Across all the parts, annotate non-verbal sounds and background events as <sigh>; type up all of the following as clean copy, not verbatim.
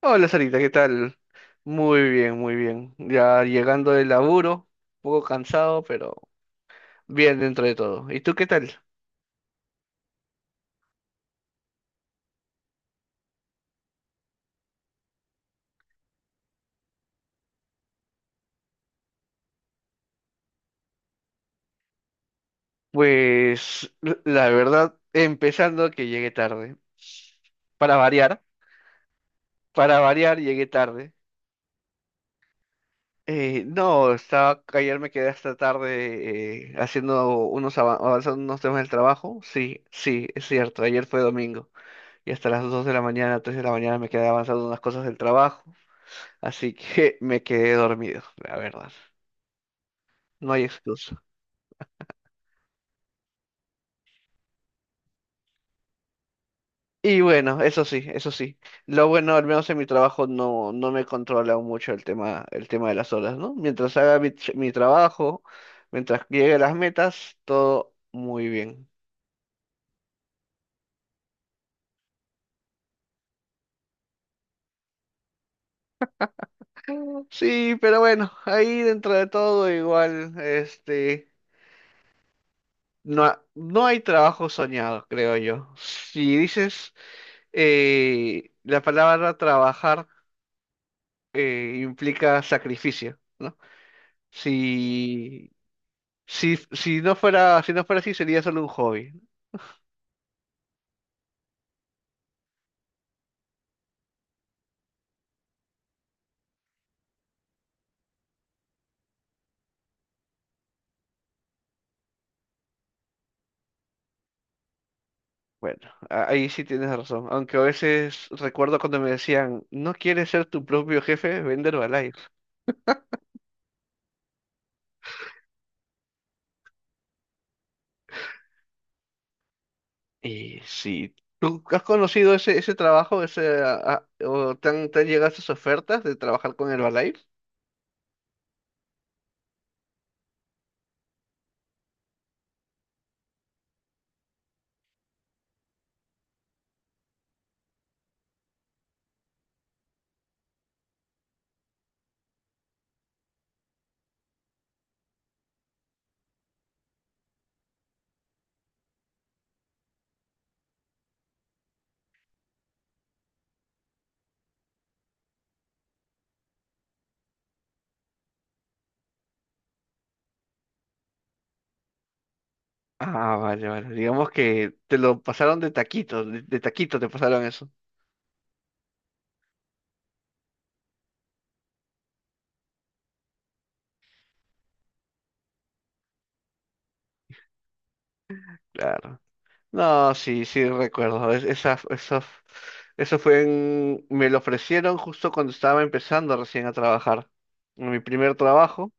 Hola Sarita, ¿qué tal? Muy bien, muy bien. Ya llegando del laburo, un poco cansado, pero bien dentro de todo. ¿Y tú qué tal? Pues la verdad, empezando que llegué tarde. Para variar, para variar llegué tarde. No, ayer me quedé hasta tarde haciendo avanzando unos temas del trabajo. Sí, sí, es cierto. Ayer fue domingo y hasta las 2 de la mañana, 3 de la mañana me quedé avanzando unas cosas del trabajo. Así que <laughs> me quedé dormido, la verdad. No hay excusa. Y bueno, eso sí, eso sí. Lo bueno, al menos en mi trabajo no, no me controla mucho el tema de las horas, ¿no? Mientras haga mi trabajo, mientras llegue a las metas, todo muy bien. Sí, pero bueno, ahí dentro de todo igual, este, no, no hay trabajo soñado, creo yo. Si dices, la palabra trabajar, implica sacrificio, ¿no? Si, si no fuera así, sería solo un hobby. Bueno, ahí sí tienes razón. Aunque a veces recuerdo cuando me decían, ¿no quieres ser tu propio jefe? Vender Herbalife. Y si tú has conocido ese, trabajo, o te han llegado esas ofertas de trabajar con Herbalife. Ah, vale, vale. Digamos que te lo pasaron de taquito, de taquito te pasaron eso. Claro. No, sí, sí, recuerdo. Eso fue en... Me lo ofrecieron justo cuando estaba empezando recién a trabajar. En mi primer trabajo,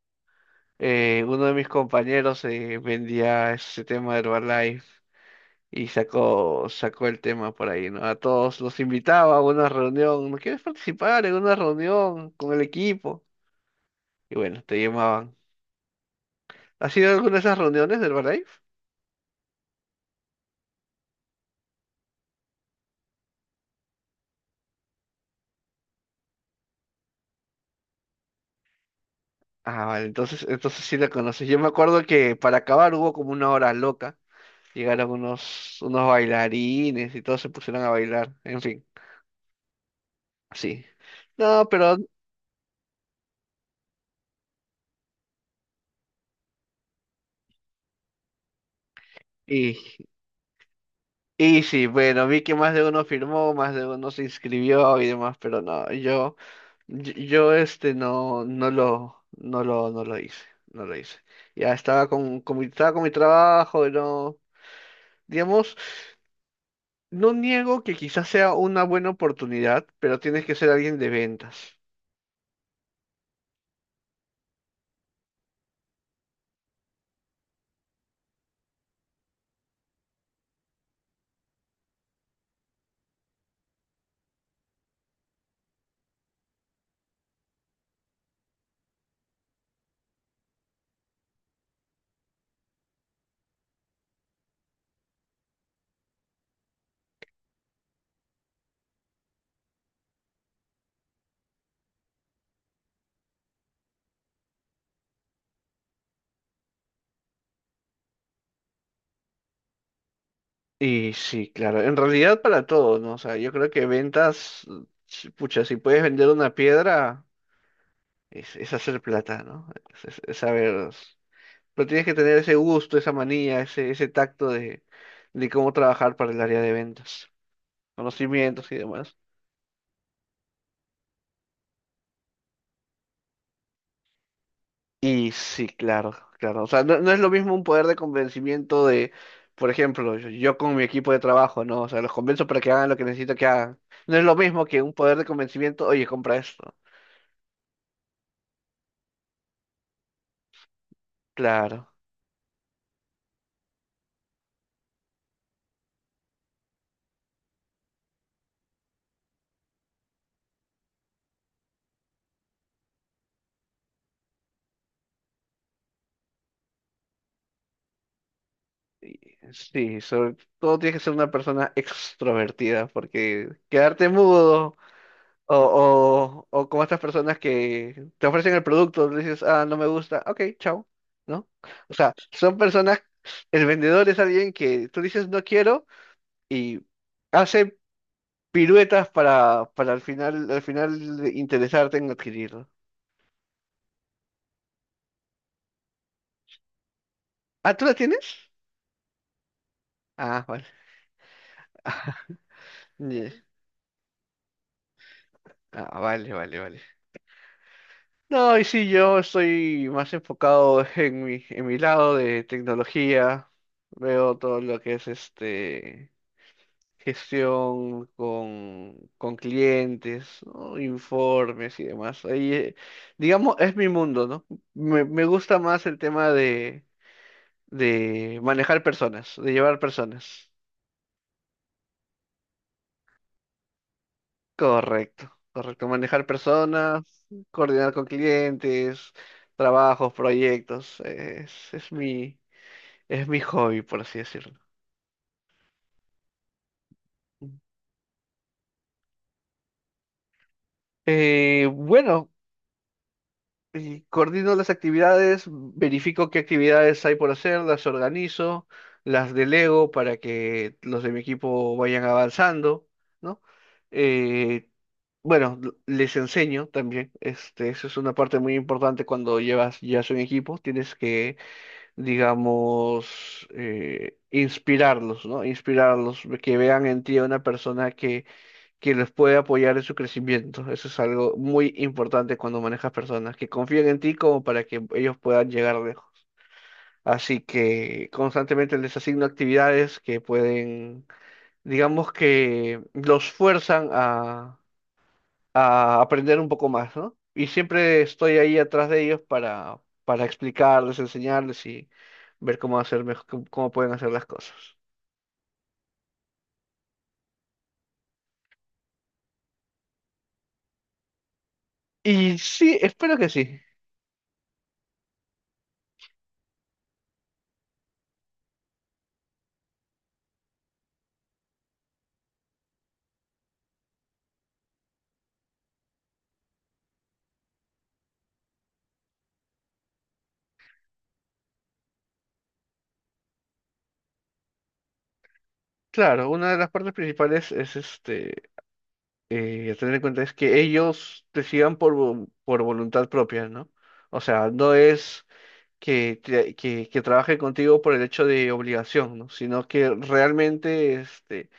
uno de mis compañeros vendía ese tema de Herbalife y sacó el tema por ahí, ¿no? A todos los invitaba a una reunión. ¿No quieres participar en una reunión con el equipo? Y bueno, te llamaban. ¿Has ido a alguna de esas reuniones de Herbalife? Ah, vale, entonces sí la conoces. Yo me acuerdo que para acabar hubo como una hora loca. Llegaron unos bailarines y todos se pusieron a bailar. En fin, sí. No, pero... Y, y sí, bueno, vi que más de uno firmó, más de uno se inscribió y demás, pero no, yo, este no, no lo hice, no lo hice. Ya estaba con mi, estaba con mi trabajo, y no, digamos, no niego que quizás sea una buena oportunidad, pero tienes que ser alguien de ventas. Y sí, claro, en realidad para todo, ¿no? O sea, yo creo que ventas, pucha, si puedes vender una piedra, es hacer plata, ¿no? Es saber, pero tienes que tener ese gusto, esa manía, ese tacto de cómo trabajar para el área de ventas, conocimientos y demás. Y sí, claro, claro. O sea, no es lo mismo un poder de convencimiento de, por ejemplo, yo con mi equipo de trabajo, ¿no? O sea, los convenzo para que hagan lo que necesito que hagan. No es lo mismo que un poder de convencimiento, oye, compra esto. Claro. Sí, sobre todo tienes que ser una persona extrovertida, porque quedarte mudo o como estas personas que te ofrecen el producto, le dices, ah, no me gusta, ok, chao, ¿no? O sea, son personas, el vendedor es alguien que tú dices no quiero y hace piruetas para al final de interesarte en adquirirlo. Ah, ¿tú la tienes? Ah, vale. <laughs> Ah, ye- ah, vale, vale, vale. No, y sí, yo estoy más enfocado <laughs> en mi lado de tecnología. Veo todo lo que es este gestión con clientes, ¿no? Informes y demás. Ahí, digamos, es mi mundo, ¿no? Me gusta más el tema de manejar personas, de llevar personas. Correcto, correcto. Manejar personas, coordinar con clientes, trabajos, proyectos. Es mi hobby, por así decirlo. Bueno, y coordino las actividades, verifico qué actividades hay por hacer, las organizo, las delego para que los de mi equipo vayan avanzando, ¿no? Eh, bueno, les enseño también, este, eso es una parte muy importante cuando llevas ya un equipo, tienes que, digamos, inspirarlos, ¿no? Inspirarlos, que vean en ti a una persona que los puede apoyar en su crecimiento. Eso es algo muy importante cuando manejas personas, que confíen en ti como para que ellos puedan llegar lejos. Así que constantemente les asigno actividades que pueden, digamos que los fuerzan a aprender un poco más, ¿no? Y siempre estoy ahí atrás de ellos para explicarles, enseñarles y ver cómo hacer mejor, cómo pueden hacer las cosas. Y sí, espero que sí. Claro, una de las partes principales es este tener en cuenta es que ellos decidan por voluntad propia, ¿no? O sea, no es que trabaje contigo por el hecho de obligación, ¿no? Sino que realmente este,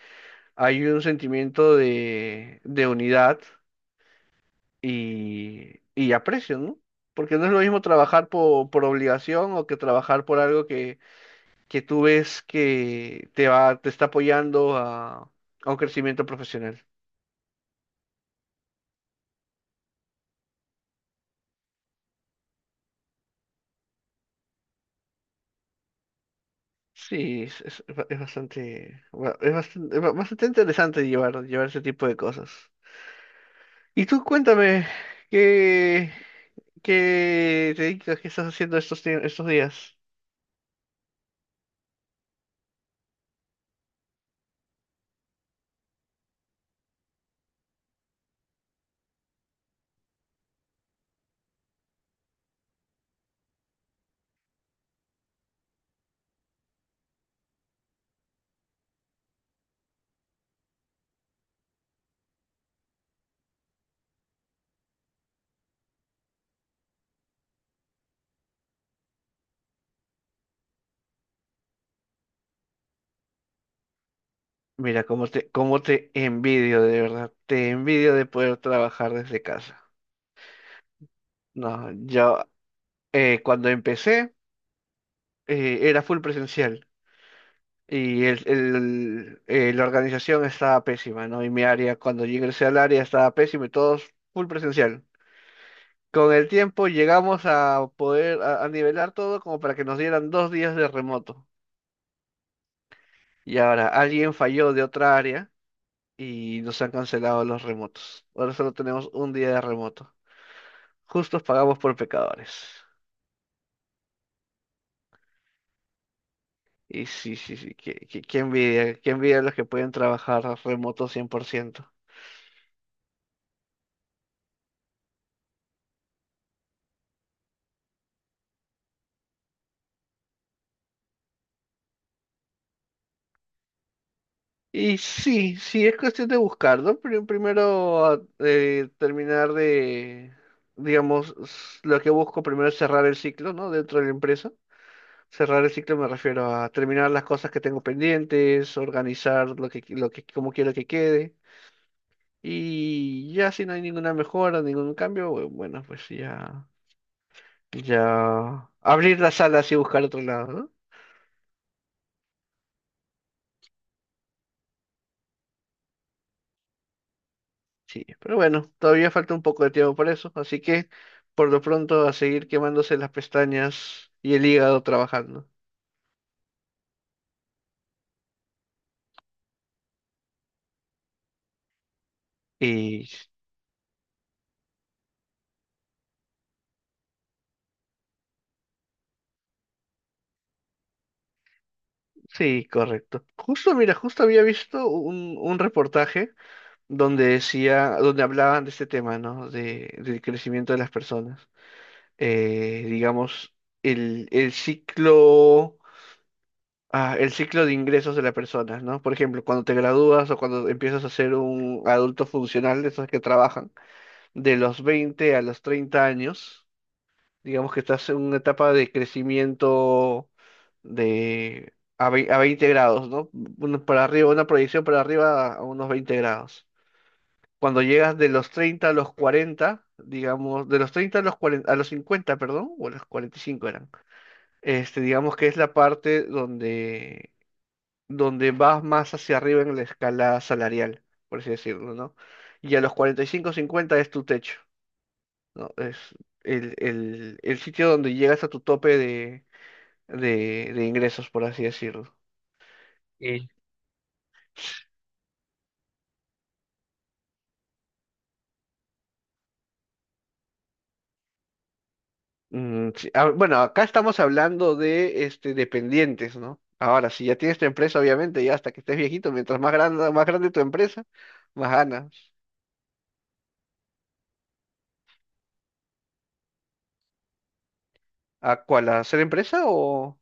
hay un sentimiento de unidad y aprecio, ¿no? Porque no es lo mismo trabajar por obligación o que trabajar por algo que tú ves que te está apoyando a un crecimiento profesional. Sí, bastante interesante llevar ese tipo de cosas. Y tú cuéntame, ¿qué, qué te dedicas, qué estás haciendo estos días? Mira, cómo te envidio, de verdad. Te envidio de poder trabajar desde casa. No, yo cuando empecé era full presencial y la organización estaba pésima, ¿no? Y mi área, cuando yo ingresé al área, estaba pésima y todos full presencial. Con el tiempo llegamos a poder a nivelar todo como para que nos dieran 2 días de remoto. Y ahora alguien falló de otra área y nos han cancelado los remotos. Ahora solo tenemos un día de remoto. Justos pagamos por pecadores. Y sí, sí, sí, qué envidia, qué envidia los que pueden trabajar remoto 100%. Y sí, sí, es cuestión de buscarlo. Pero primero terminar digamos, lo que busco primero es cerrar el ciclo, ¿no? Dentro de la empresa. Cerrar el ciclo me refiero a terminar las cosas que tengo pendientes, organizar como quiero que quede. Y ya si no hay ninguna mejora, ningún cambio, bueno, pues ya abrir las salas y buscar otro lado, ¿no? Sí, pero bueno, todavía falta un poco de tiempo para eso, así que por lo pronto a seguir quemándose las pestañas y el hígado trabajando. Y sí, correcto. Justo, mira, justo había visto un reportaje donde decía, donde hablaban de este tema, ¿no? De, del crecimiento de las personas. Digamos, el, el ciclo, el ciclo de ingresos de las personas, ¿no? Por ejemplo, cuando te gradúas o cuando empiezas a ser un adulto funcional, de esos que trabajan, de los 20 a los 30 años, digamos que estás en una etapa de crecimiento de... A a 20 grados, ¿no? Uno para arriba, una proyección para arriba a unos 20 grados. Cuando llegas de los 30 a los 40 digamos, de los 30 a los 40 a los 50 perdón, o a los 45 eran, este, digamos que es la parte donde, donde vas más hacia arriba en la escala salarial, por así decirlo, ¿no? Y a los 45 50 es tu techo, ¿no? Es el sitio donde llegas a tu tope de ingresos, por así decirlo. Mm, sí, ah, bueno, acá estamos hablando de este dependientes, ¿no? Ahora, si ya tienes tu empresa, obviamente, ya hasta que estés viejito, mientras más grande tu empresa, más ganas. ¿A cuál? ¿A hacer empresa o...?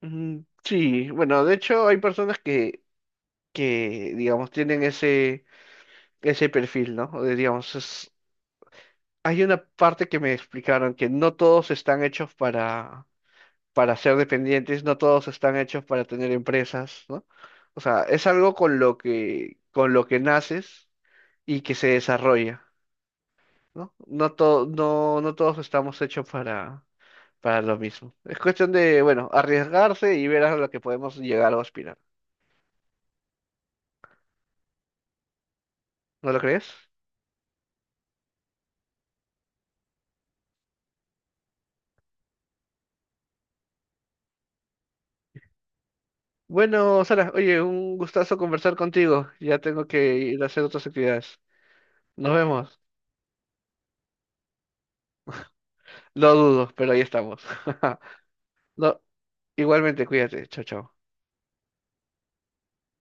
Mm, sí, bueno, de hecho hay personas que digamos, tienen ese, perfil, ¿no? O de, digamos, hay una parte que me explicaron que no todos están hechos para ser dependientes, no todos están hechos para tener empresas, ¿no? O sea, es algo con lo que naces y que se desarrolla, ¿no? No todos estamos hechos para, lo mismo. Es cuestión de, bueno, arriesgarse y ver a lo que podemos llegar o aspirar. ¿No lo crees? Bueno, Sara, oye, un gustazo conversar contigo. Ya tengo que ir a hacer otras actividades. Nos vemos. Lo dudo, pero ahí estamos. <laughs> No, igualmente, cuídate. Chao, chao.